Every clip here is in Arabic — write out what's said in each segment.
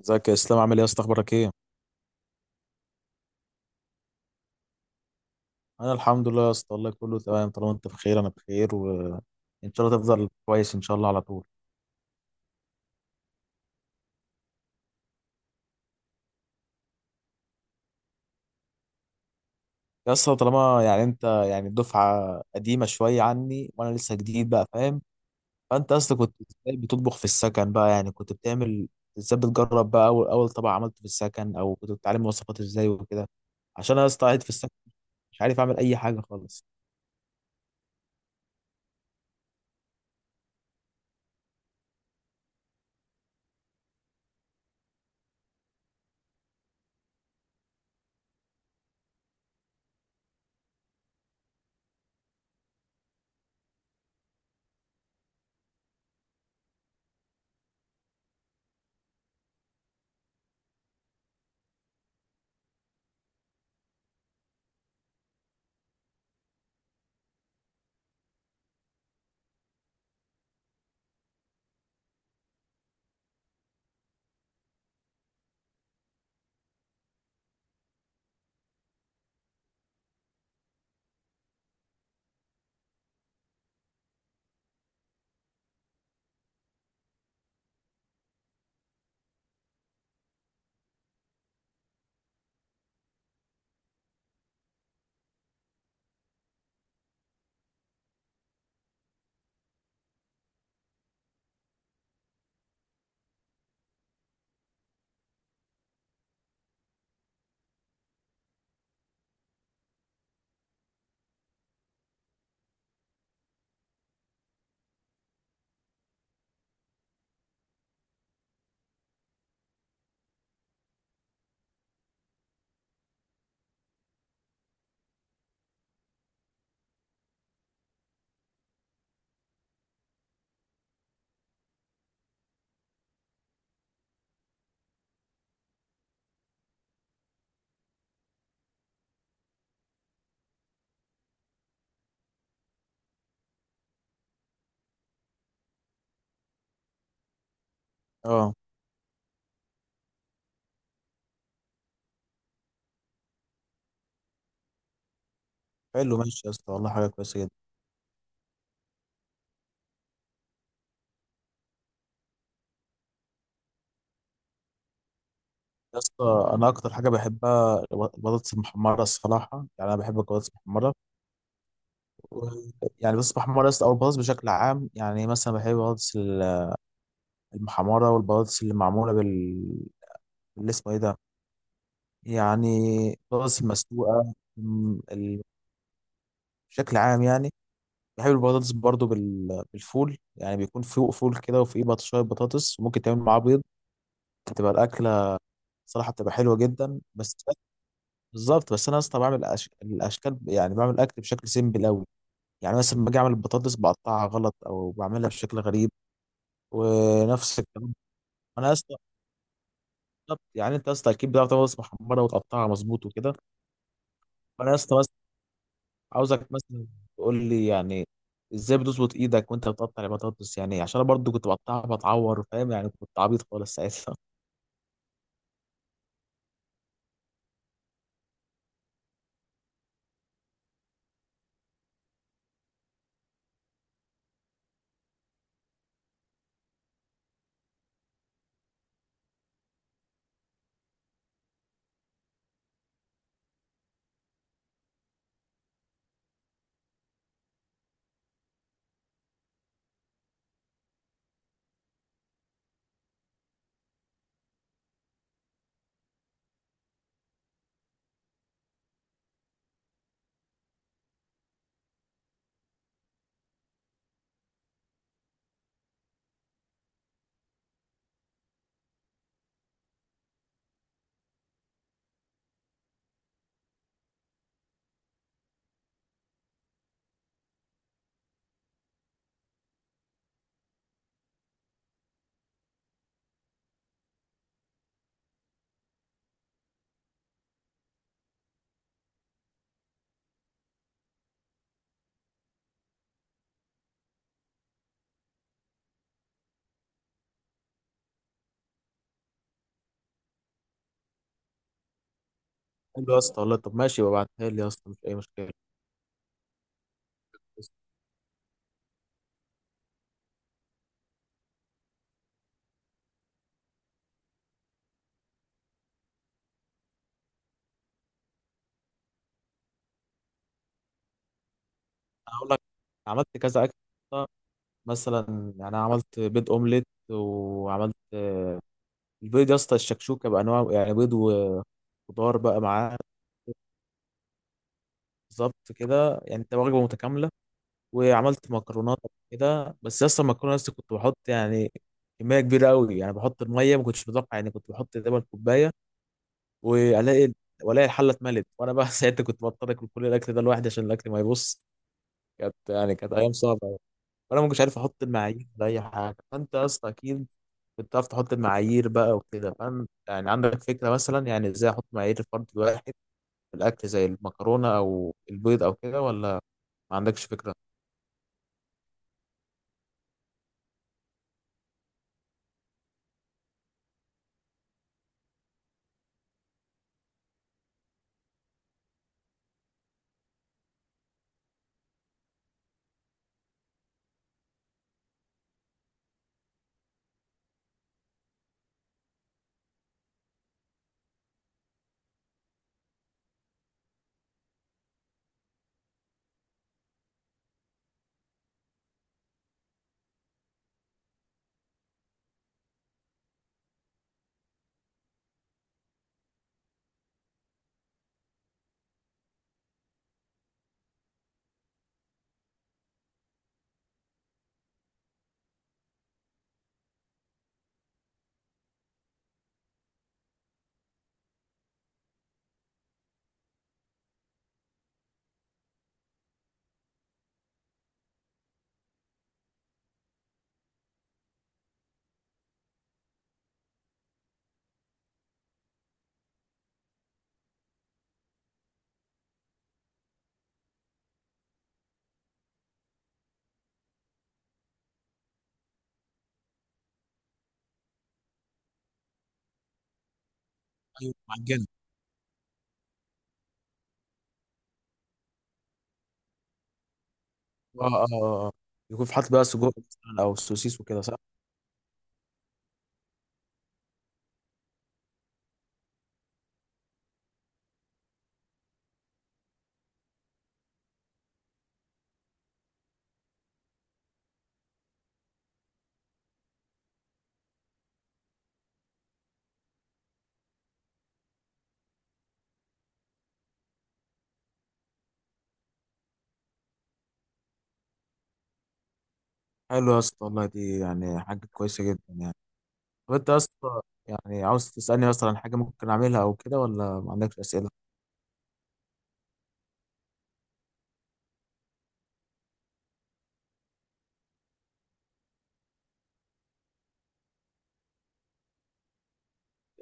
ازيك يا اسلام؟ عامل ايه يا اسطى؟ اخبارك ايه؟ انا الحمد لله يا اسطى، والله كله تمام. طالما انت بخير انا بخير، وان شاء الله تفضل كويس ان شاء الله على طول. يا اسطى، طالما يعني انت يعني دفعه قديمه شويه عني وانا لسه جديد بقى، فاهم؟ فانت اصلا كنت ازاي بتطبخ في السكن بقى؟ يعني كنت بتعمل ازاي؟ بتجرب بقى اول طبق عملته في السكن، او كنت بتتعلم وصفات ازاي وكده؟ عشان انا يا اسطى قاعد في السكن، مش عارف اعمل اي حاجه خالص. اه، حلو، ماشي يا اسطى والله، حاجه كويسه جدا. يا اسطى انا اكتر حاجه بحبها البطاطس المحمره الصراحه، يعني انا بحب البطاطس المحمره. و- يعني البطاطس المحمره يا اسطى، او البطاطس بشكل عام. يعني مثلا بحب المحمره، والبطاطس اللي معموله بال، اللي اسمه ايه ده؟ يعني البطاطس المسلوقه م- ال- بشكل عام يعني. بحب البطاطس برضو بالفول، يعني بيكون فوق فول كده وفي شويه بطاطس، وممكن تعمل معاه بيض. بتبقى الاكله صراحه بتبقى حلوه جدا. بس بالظبط، بس انا يا اسطى بعمل الاشكال، يعني بعمل الاكل بشكل سيمبل قوي. يعني مثلا باجي اعمل البطاطس بقطعها غلط او بعملها بشكل غريب، ونفس الكلام. انا يا اسطى بالظبط، يعني انت يا اسطى اكيد بتعرف تعمل بطاطس محمره وتقطعها مظبوط وكده. فانا يا اسطى بس عاوزك مثلا تقول لي، يعني ازاي بتظبط ايدك وانت بتقطع البطاطس؟ يعني عشان انا برضو كنت بقطعها بتعور، فاهم؟ يعني كنت عبيط خالص ساعتها. قال له يا اسطى والله، طب ماشي ببعتها لي يا اسطى، مش اي مشكله. بس انا هقول لك، عملت كذا اكل. مثلا يعني أنا عملت بيض اومليت، وعملت البيض يا اسطى الشكشوكه بانواع، يعني بيض خضار بقى معاه. بالظبط كده، يعني انت وجبه متكامله. وعملت مكرونات قبل كده، بس اصلا المكرونه لسه كنت بحط يعني كميه كبيره قوي. يعني بحط الميه ما كنتش متوقع، يعني كنت بحط تقريبا كوبايه، والاقي، والاقي الحله اتملت، وانا بقى ساعتها كنت بضطر اكل كل الاكل ده لوحدي عشان الاكل ما يبص. كانت يعني كانت ايام صعبه أوي. وانا ما كنتش عارف احط المعايير لاي حاجه، فانت يا اسطى اكيد كنت عارف تحط المعايير بقى وكده، فاهم؟ يعني عندك فكره مثلا يعني ازاي احط معايير الفرد الواحد في الاكل زي المكرونه او البيض او كده، ولا ما عندكش فكرة؟ ايوه، معجنه. اه، اه، اه، آه. يكون في حاطط بقى سجق مثلا او سوسيس وكده، صح؟ حلو يا اسطى والله، دي يعني حاجة كويسة جدا يعني. طب انت يا اسطى يعني عاوز تسألني مثلا عن حاجة ممكن اعملها او كده، ولا ما عندكش أسئلة؟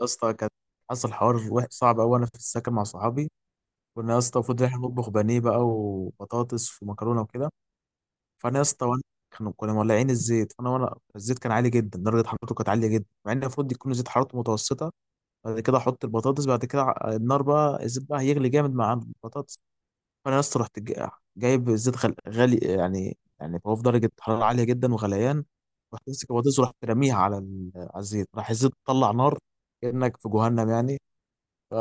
يا اسطى كان حصل حوار صعب قوي انا في السكن مع صحابي. كنا يا اسطى المفروض إن احنا نطبخ بانيه بقى، وبطاطس ومكرونة وكده. فانا يا اسطى وانا، كنا مولعين الزيت، فانا وانا الزيت كان عالي جدا، درجة حرارته كانت عالية جدا، مع ان المفروض يكون زيت حرارته متوسطة. بعد كده احط البطاطس، بعد كده النار بقى الزيت بقى هيغلي جامد مع البطاطس. فانا يا اسطى رحت جايب زيت غالي، يعني يعني هو في درجه حراره عاليه جدا وغليان. رحت ماسك البطاطس، ورحت راميها على على الزيت، راح الزيت طلع نار، كانك في جهنم يعني. ف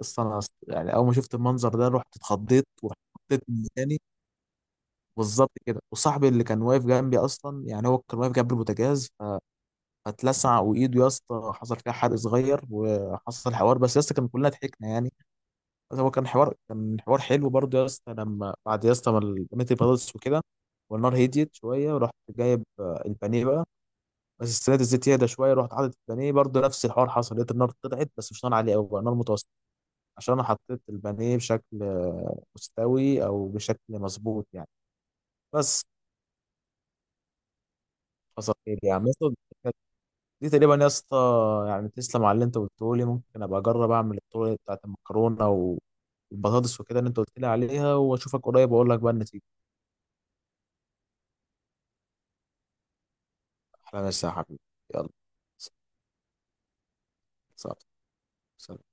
أصل انا يعني اول ما شفت المنظر ده رحت اتخضيت ورحت حطيت مكاني. بالظبط كده، وصاحبي اللي كان واقف جنبي اصلا، يعني هو كان واقف جنب البوتاجاز، اتلسع وايده يا اسطى، حصل فيها حرق صغير، وحصل حوار، بس يا اسطى كان كلنا ضحكنا يعني. بس هو كان حوار، كان حوار حلو برضه يا اسطى. لما بعد يا اسطى ما البانيه خلص وكده والنار هديت شويه، ورحت جايب البانيه بقى، بس استنيت الزيت يهدى شويه، رحت حاطط البانيه، برضه نفس الحوار حصل، لقيت النار طلعت بس مش نار عاليه قوي، بقى نار متوسطه، عشان انا حطيت البانيه بشكل مستوي او بشكل مظبوط يعني. بس حصل خير يعني. دي تقريبا يا اسطى. يعني تسلم على اللي انت قلته لي، ممكن ابقى اجرب اعمل الطرق بتاعت المكرونه والبطاطس وكده اللي انت قلت لي عليها، واشوفك قريب واقول لك بقى النتيجه. احلى مسا يا حبيبي. يلا، سلام. سلام.